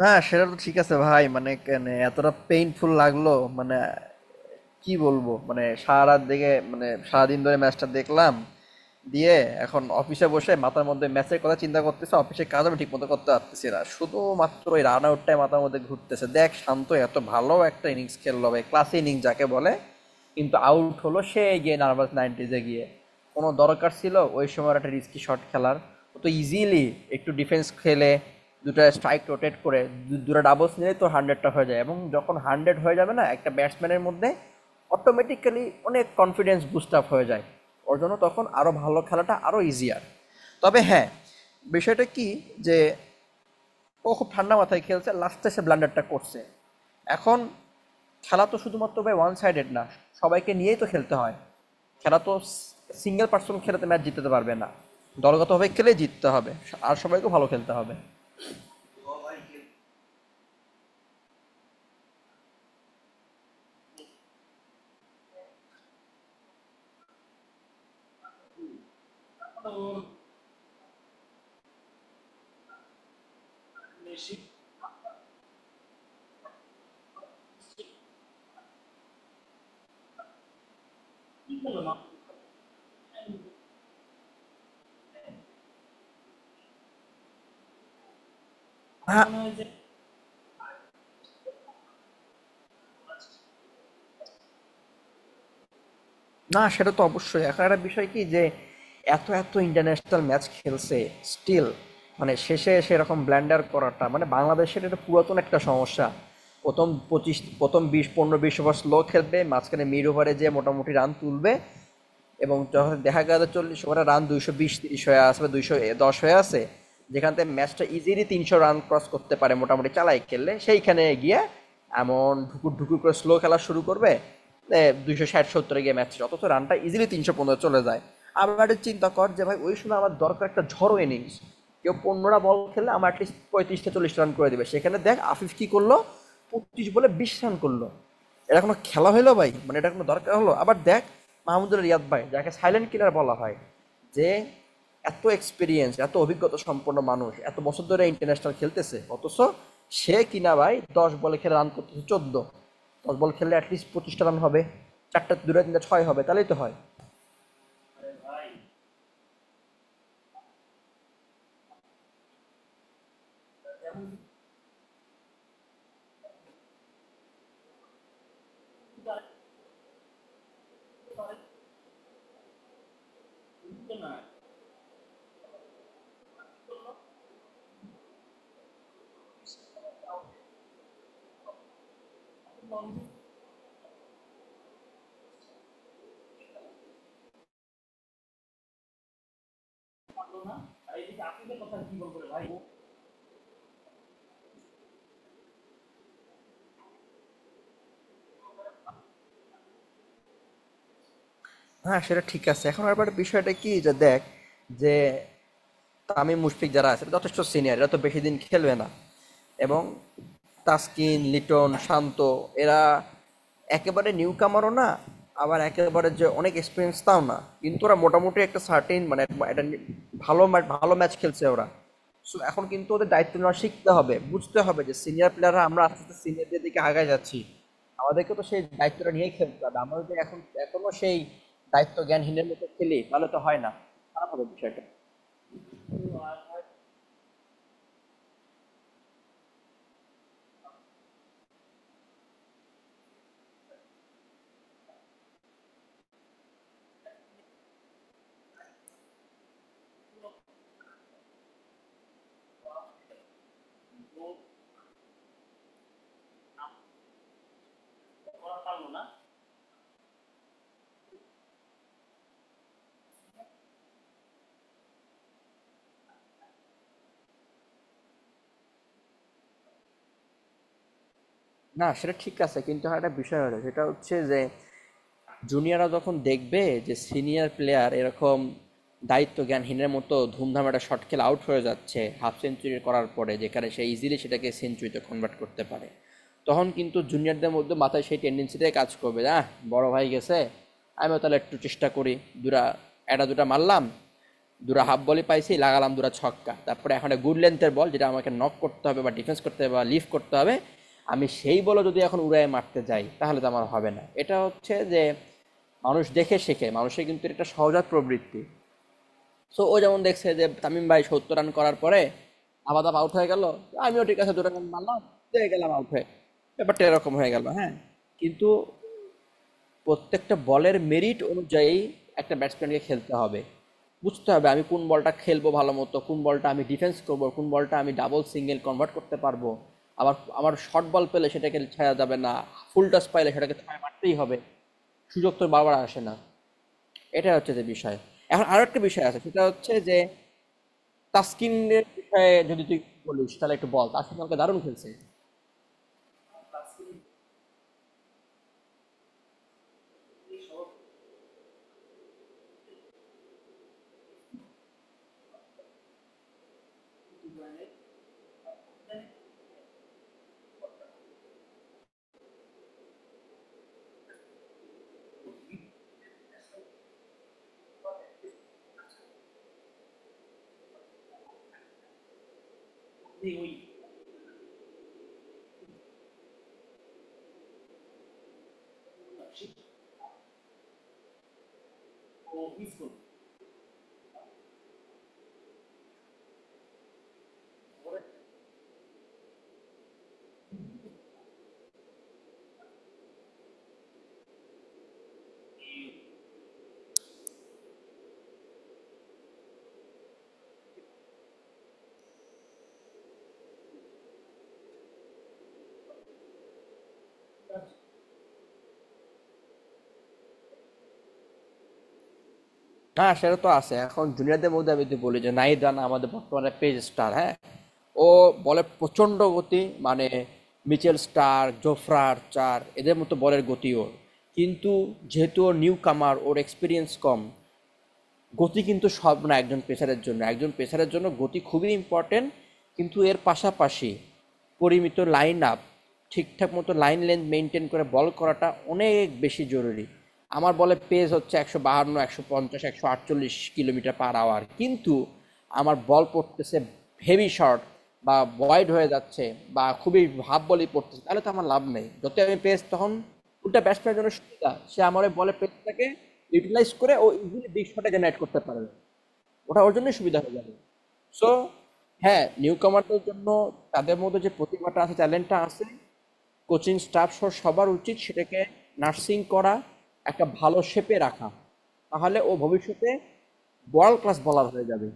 না সেটা তো ঠিক আছে ভাই। মানে কেন এতটা পেইনফুল লাগলো। মানে কি বলবো। মানে সারা রাত দেখে, মানে সারাদিন ধরে ম্যাচটা দেখলাম, দিয়ে এখন অফিসে বসে মাথার মধ্যে ম্যাচের কথা চিন্তা করতেছে। অফিসের কাজ আমি ঠিকমতো করতে পারতেছি না, শুধুমাত্র ওই রান আউটটাই মাথার মধ্যে ঘুরতেছে। দেখ শান্ত এত ভালো একটা ইনিংস খেললো, ভাই ক্লাস ইনিংস যাকে বলে। কিন্তু আউট হলো সে গিয়ে নার্ভাস নাইনটিজে গিয়ে। কোনো দরকার ছিল ওই সময় একটা রিস্কি শট খেলার? ও তো ইজিলি একটু ডিফেন্স খেলে, দুটো স্ট্রাইক রোটেট করে, দুটো ডাবলস নিলে তো হান্ড্রেডটা হয়ে যায়। এবং যখন হান্ড্রেড হয়ে যাবে না একটা ব্যাটসম্যানের মধ্যে, অটোমেটিক্যালি অনেক কনফিডেন্স বুস্ট আপ হয়ে যায়। ওর জন্য তখন আরও ভালো খেলাটা আরও ইজিয়ার। তবে হ্যাঁ, বিষয়টা কি যে ও খুব ঠান্ডা মাথায় খেলছে, লাস্টে সে ব্লান্ডারটা করছে। এখন খেলা তো শুধুমাত্র ভাই ওয়ান সাইডেড না, সবাইকে নিয়েই তো খেলতে হয়। খেলা তো সিঙ্গেল পার্সন খেলাতে ম্যাচ জিততে পারবে না, দলগতভাবে খেলে জিততে হবে। আর সবাইকে ভালো খেলতে হবে। হ্যাঁ। না সেটা তো অবশ্যই। এখন একটা বিষয় কি যে এত এত ইন্টারন্যাশনাল ম্যাচ খেলছে, স্টিল মানে শেষে এসে এরকম ব্ল্যান্ডার করাটা, মানে বাংলাদেশের এটা পুরাতন একটা সমস্যা। প্রথম 25, প্রথম 20, 15 20 ওভার স্লো খেলবে, মাঝখানে মিড ওভারে যে মোটামুটি রান তুলবে, এবং যখন দেখা গেল 40 ওভারে রান 220 30 হয়ে আছে বা 210 হয়ে আছে, যেখান থেকে ম্যাচটা ইজিলি 300 রান ক্রস করতে পারে মোটামুটি চালাই খেললে, সেইখানে গিয়ে এমন ঢুকুর ঢুকুর করে স্লো খেলা শুরু করবে, 260-70-এ গিয়ে ম্যাচ, অথচ রানটা ইজিলি 315 চলে যায়। আবার একটা চিন্তা কর যে ভাই, ওই সময় আমার দরকার একটা ঝড়ো ইনিংস। কেউ 15টা বল খেললে আমার অ্যাটলিস্ট 35টা 40 রান করে দেবে। সেখানে দেখ আফিফ কি করলো, 25 বলে 20 রান করলো। এটা কোনো খেলা হলো ভাই? মানে এটা কোনো দরকার হলো? আবার দেখ মাহমুদুল রিয়াদ ভাই, যাকে সাইলেন্ট কিলার বলা হয়, যে এত এক্সপিরিয়েন্স, এত অভিজ্ঞতা সম্পন্ন মানুষ, এত বছর ধরে ইন্টারন্যাশনাল খেলতেছে, অথচ সে কিনা ভাই 10 বলে খেলে রান করতেছে 14। দশ বল খেললে অ্যাটলিস্ট 25টা রান হবে, চারটা দুটা তিনটা ছয় হবে, তাহলেই তো হয়। হ্যাঁ সেটা ঠিক আছে। এখন আবার বিষয়টা কি যে দেখ, যে তামিম মুশফিক যারা আছে এরা যথেষ্ট সিনিয়র, এরা তো বেশি দিন খেলবে না। এবং তাসকিন লিটন শান্ত, এরা একেবারে নিউ কামারও না, আবার একেবারে যে অনেক এক্সপিরিয়েন্স তাও না। কিন্তু ওরা মোটামুটি একটা সার্টেন মানে একটা ভালো ম্যাচ খেলছে ওরা। সো এখন কিন্তু ওদের দায়িত্ব নেওয়া শিখতে হবে, বুঝতে হবে যে সিনিয়র প্লেয়াররা, আমরা আস্তে আস্তে সিনিয়রদের দিকে আগায় যাচ্ছি, আমাদেরকে তো সেই দায়িত্বটা নিয়ে খেলতে হবে। আমরা যদি এখন, এখনো সেই দায়িত্ব জ্ঞানহীনের মতো খেলি তাহলে তো হয় না। খারাপ হবে বিষয়টা। না সেটা ঠিক আছে, কিন্তু আর একটা বিষয় হলো, সেটা হচ্ছে যে জুনিয়ররা যখন দেখবে যে সিনিয়র প্লেয়ার এরকম দায়িত্ব জ্ঞানহীনের মতো ধুমধাম একটা শট খেলে আউট হয়ে যাচ্ছে, হাফ সেঞ্চুরি করার পরে, যেখানে সে ইজিলি সেটাকে সেঞ্চুরিতে কনভার্ট করতে পারে, তখন কিন্তু জুনিয়রদের মধ্যে, মাথায় সেই টেন্ডেন্সিটাই কাজ করবে না। বড় ভাই গেছে, আমিও তাহলে একটু চেষ্টা করি। দুটা, একটা দুটা মারলাম, দুরা হাফ বলে পাইছি লাগালাম দুরা ছক্কা, তারপরে এখন একটা গুড লেন্থের বল যেটা আমাকে নক করতে হবে বা ডিফেন্স করতে হবে বা লিফ করতে হবে, আমি সেই বলও যদি এখন উড়ায় মারতে যাই তাহলে তো আমার হবে না। এটা হচ্ছে যে মানুষ দেখে শেখে, মানুষের কিন্তু এটা সহজাত প্রবৃত্তি। সো ও যেমন দেখছে যে তামিম ভাই 70 রান করার পরে আবার দাপ আউট হয়ে গেল, আমিও ঠিক আছে দুটা রান মারলাম, পেয়ে গেলাম আউট হয়ে, ব্যাপারটা এরকম হয়ে গেল, হ্যাঁ। কিন্তু প্রত্যেকটা বলের মেরিট অনুযায়ী একটা ব্যাটসম্যানকে খেলতে হবে। বুঝতে হবে আমি কোন বলটা খেলবো ভালো মতো, কোন বলটা আমি ডিফেন্স করবো, কোন বলটা আমি ডাবল সিঙ্গেল কনভার্ট করতে পারবো। আবার আমার শর্ট বল পেলে সেটাকে ছায়া যাবে না, ফুল টস পাইলে সেটাকে ছয় মারতেই হবে, সুযোগ তো বারবার আসে না। এটা হচ্ছে যে বিষয়। এখন আরো একটা বিষয় আছে, সেটা হচ্ছে যে তাস্কিনের বিষয়ে যদি তুই বলিস তাহলে একটু বল, তাস্কিন আমাকে দারুণ খেলছে। হ্যাঁ সেটা তো আছে। এখন জুনিয়রদের মধ্যে আমি যদি বলি যে নাহিদ রানা আমাদের বর্তমানে পেজ স্টার, হ্যাঁ, ও বলে প্রচণ্ড গতি, মানে মিচেল স্টার জোফরার চার এদের মতো বলের গতি ওর। কিন্তু যেহেতু ওর নিউ কামার, ওর এক্সপিরিয়েন্স কম। গতি কিন্তু সব না, একজন পেসারের জন্য, একজন পেসারের জন্য গতি খুবই ইম্পর্টেন্ট, কিন্তু এর পাশাপাশি পরিমিত লাইন আপ, ঠিকঠাক মতো লাইন লেন্থ মেনটেন করে বল করাটা অনেক বেশি জরুরি। আমার বলে পেস হচ্ছে 152, 150, 148 কিলোমিটার পার আওয়ার, কিন্তু আমার বল পড়তেছে হেভি শর্ট বা বয়েড হয়ে যাচ্ছে বা খুবই হাফ বলই পড়তেছে, তাহলে তো আমার লাভ নেই যতই আমি পেস। তখন উল্টা ব্যাটসম্যানের জন্য সুবিধা, সে আমার ওই বলের প্রেসটাকে ইউটিলাইজ করে ও ইজিলি বিগ শটে জেনারেট করতে পারবে। ওটা ওর জন্যই সুবিধা হয়ে যাবে। সো হ্যাঁ, নিউ কামারদের জন্য, তাদের মধ্যে যে প্রতিভাটা আছে, ট্যালেন্টটা আছে, কোচিং স্টাফ সহ সবার উচিত সেটাকে নার্সিং করা, একটা ভালো শেপে রাখা। তাহলে ও ভবিষ্যতে ওয়ার্ল্ড ক্লাস বলার হয়ে যাবে।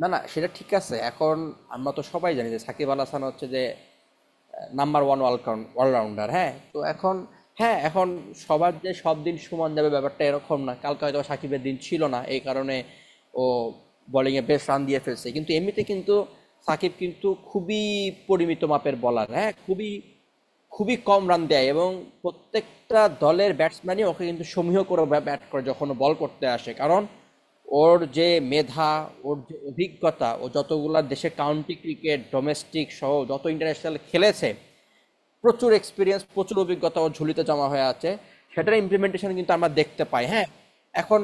না না সেটা ঠিক আছে। এখন আমরা তো সবাই জানি যে সাকিব আল হাসান হচ্ছে যে নাম্বার ওয়ান অলরাউন্ডার, হ্যাঁ। তো এখন, হ্যাঁ এখন, সবার যে সব দিন সমান যাবে ব্যাপারটা এরকম না, কালকে হয়তো সাকিবের দিন ছিল না, এই কারণে ও বোলিংয়ে বেশ রান দিয়ে ফেলছে। কিন্তু এমনিতে কিন্তু সাকিব কিন্তু খুবই পরিমিত মাপের বলার, হ্যাঁ, খুবই খুবই কম রান দেয়, এবং প্রত্যেকটা দলের ব্যাটসম্যানই ওকে কিন্তু সমীহ করে ব্যাট করে যখন ও বল করতে আসে, কারণ ওর যে মেধা, ওর যে অভিজ্ঞতা, ও যতগুলা দেশে কাউন্টি ক্রিকেট ডোমেস্টিক সহ যত ইন্টারন্যাশনাল খেলেছে, প্রচুর এক্সপিরিয়েন্স, প্রচুর অভিজ্ঞতা ওর ঝুলিতে জমা হয়ে আছে, সেটার ইমপ্লিমেন্টেশন কিন্তু আমরা দেখতে পাই, হ্যাঁ। এখন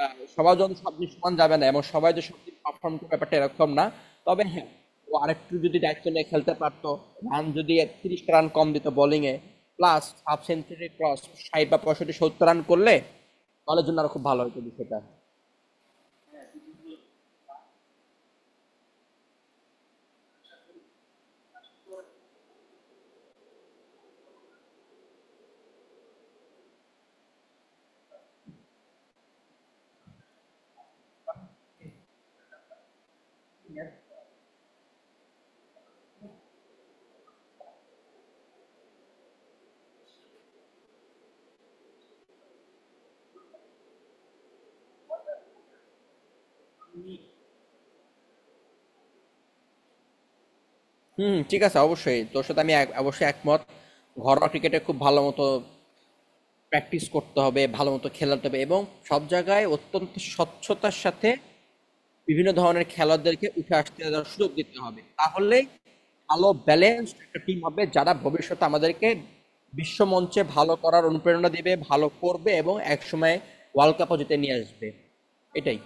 সবার জন্য সব দিক সমান যাবে না, এবং সবাই যে সব দিক পারফর্ম করবে ব্যাপারটা এরকম না। তবে হ্যাঁ, ও আরেকটু যদি দায়িত্ব নিয়ে খেলতে পারতো, রান যদি 30টা রান কম দিত বোলিংয়ে, প্লাস হাফ সেঞ্চুরি ক্রস, 60 বা 65 70 রান করলে দলের জন্য আরো খুব ভালো হতো বিষয়টা। হুম ঠিক আছে, অবশ্যই তোর সাথে আমি অবশ্যই একমত। ঘরোয়া ক্রিকেটে খুব ভালো মতো প্র্যাকটিস করতে হবে, ভালো মতো খেলাতে হবে, এবং সব জায়গায় অত্যন্ত স্বচ্ছতার সাথে বিভিন্ন ধরনের খেলোয়াড়দেরকে উঠে আসতে দেওয়ার সুযোগ দিতে হবে। তাহলে ভালো ব্যালেন্স একটা টিম হবে, যারা ভবিষ্যতে আমাদেরকে বিশ্বমঞ্চে ভালো করার অনুপ্রেরণা দিবে, ভালো করবে এবং একসময় ওয়ার্ল্ড কাপও জিতে নিয়ে আসবে। এটাই।